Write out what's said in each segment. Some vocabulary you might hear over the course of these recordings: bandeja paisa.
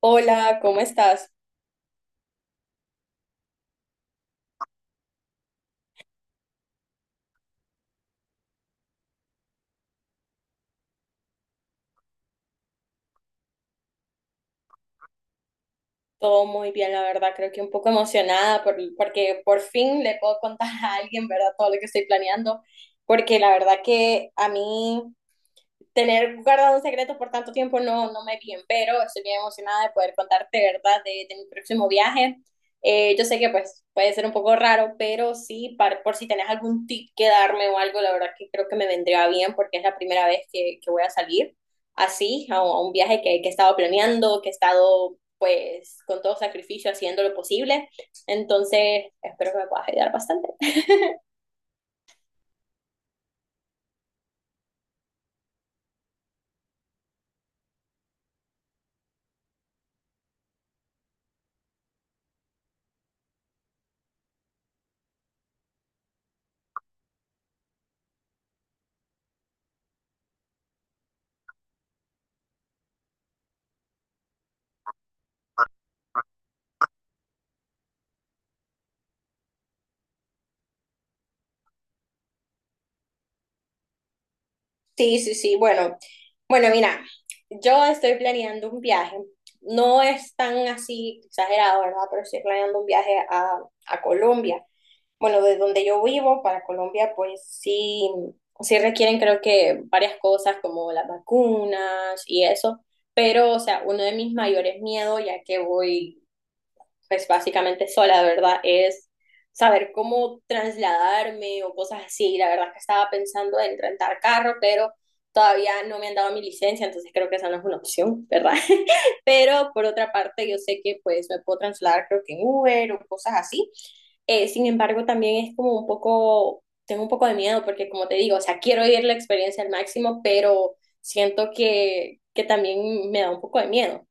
Hola, ¿cómo estás? Todo muy bien, la verdad. Creo que un poco emocionada porque por fin le puedo contar a alguien, ¿verdad? Todo lo que estoy planeando, porque la verdad que a mí tener guardado un secreto por tanto tiempo no me bien, pero estoy bien emocionada de poder contarte, ¿verdad?, de mi próximo viaje. Yo sé que pues puede ser un poco raro, pero sí, por si tenés algún tip que darme o algo, la verdad que creo que me vendría bien porque es la primera vez que voy a salir así, a un viaje que he estado planeando, que he estado pues con todo sacrificio haciendo lo posible. Entonces, espero que me puedas ayudar bastante. Sí, sí, sí. Bueno, bueno, mira, yo estoy planeando un viaje. No es tan así exagerado, ¿verdad? Pero estoy planeando un viaje a Colombia. Bueno, de donde yo vivo para Colombia, pues sí, sí requieren creo que varias cosas como las vacunas y eso. Pero, o sea, uno de mis mayores miedos, ya que voy pues básicamente sola, ¿verdad? Es saber cómo trasladarme o cosas así. La verdad es que estaba pensando en rentar carro, pero todavía no me han dado mi licencia, entonces creo que esa no es una opción, ¿verdad? Pero por otra parte, yo sé que pues me puedo trasladar creo que en Uber o cosas así. Sin embargo, también es como un poco, tengo un poco de miedo porque como te digo, o sea, quiero vivir la experiencia al máximo, pero siento que también me da un poco de miedo.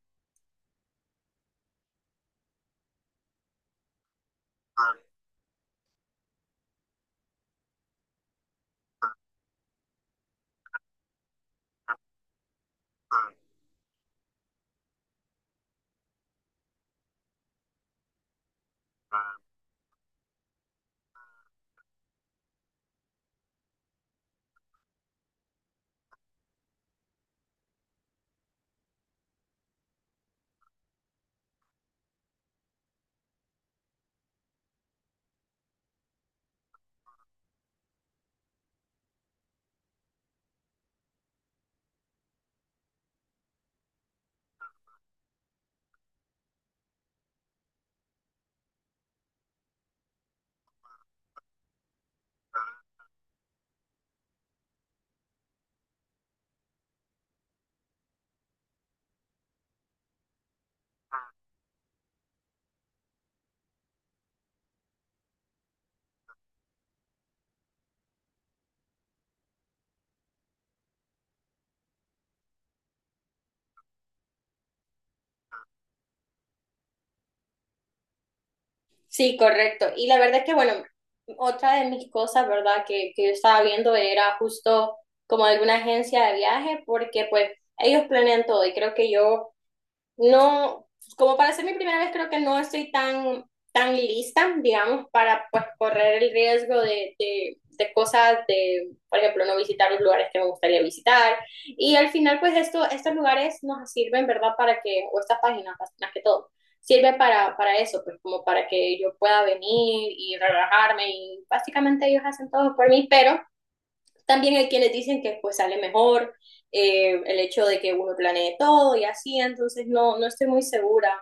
Sí, correcto. Y la verdad es que, bueno, otra de mis cosas, ¿verdad?, que yo estaba viendo era justo como alguna agencia de viaje, porque pues ellos planean todo y creo que yo no, como para ser mi primera vez, creo que no estoy tan, tan lista, digamos, para pues correr el riesgo de cosas, de, por ejemplo, no visitar los lugares que me gustaría visitar. Y al final, pues esto, estos lugares nos sirven, ¿verdad? Para que, o estas páginas más que todo, sirven para eso, pues como para que yo pueda venir y relajarme y básicamente ellos hacen todo por mí, pero también hay quienes dicen que pues sale mejor el hecho de que uno planee todo y así, entonces no, no estoy muy segura.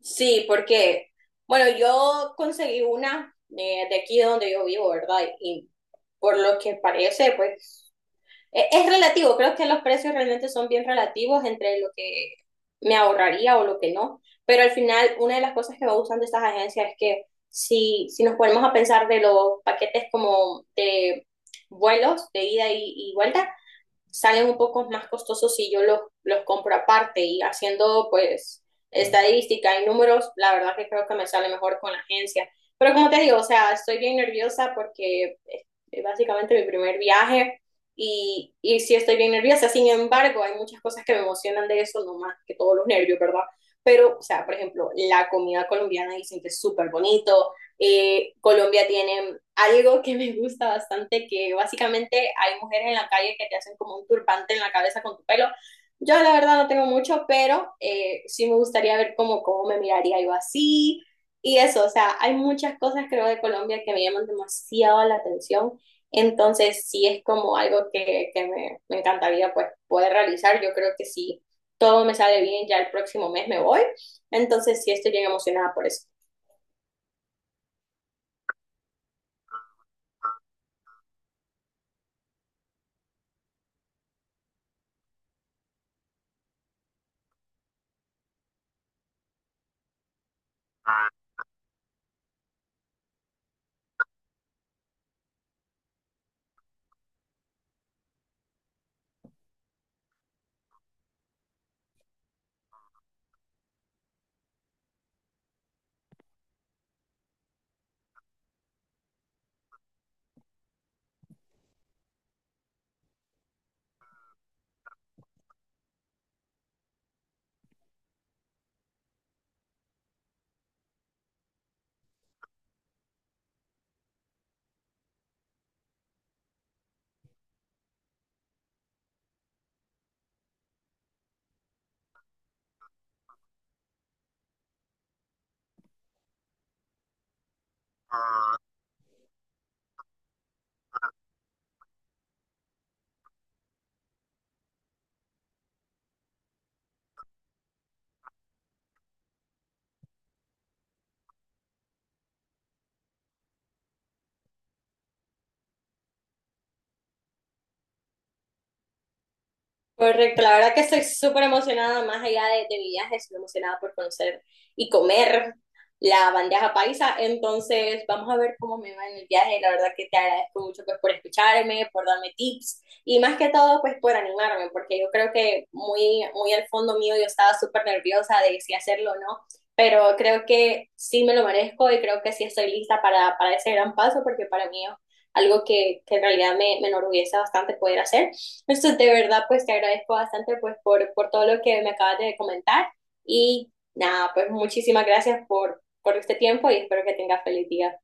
Sí, porque, bueno, yo conseguí una de aquí donde yo vivo, ¿verdad? Y por lo que parece, pues es relativo, creo que los precios realmente son bien relativos entre lo que me ahorraría o lo que no, pero al final una de las cosas que me gustan de estas agencias es que si nos ponemos a pensar de los paquetes como de vuelos de ida y vuelta, salen un poco más costosos si yo los compro aparte y haciendo pues estadística y números, la verdad que creo que me sale mejor con la agencia. Pero como te digo, o sea, estoy bien nerviosa porque es básicamente mi primer viaje y sí estoy bien nerviosa. Sin embargo, hay muchas cosas que me emocionan de eso, no más que todos los nervios, ¿verdad? Pero, o sea, por ejemplo, la comida colombiana dicen que es súper bonito, Colombia tiene algo que me gusta bastante, que básicamente hay mujeres en la calle que te hacen como un turbante en la cabeza con tu pelo. Yo la verdad no tengo mucho, pero sí me gustaría ver cómo me miraría yo así y eso, o sea, hay muchas cosas creo de Colombia que me llaman demasiado la atención, entonces sí es como algo me encantaría pues poder realizar, yo creo que si todo me sale bien, ya el próximo mes me voy, entonces sí estoy bien emocionada por eso. Correcto, la verdad que estoy súper emocionada, más allá de mi viaje, estoy emocionada por conocer y comer la bandeja paisa. Entonces, vamos a ver cómo me va en el viaje. La verdad que te agradezco mucho pues, por escucharme, por darme tips y más que todo, pues por animarme, porque yo creo que muy, muy al fondo mío yo estaba súper nerviosa de si hacerlo o no, pero creo que sí me lo merezco y creo que sí estoy lista para ese gran paso, porque para mí es algo que en realidad me, me enorgullece bastante poder hacer. Eso de verdad, pues te agradezco bastante pues por todo lo que me acabas de comentar y nada, pues muchísimas gracias por este tiempo y espero que tengas feliz día.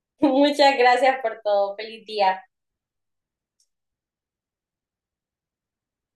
Muchas gracias por todo, feliz día.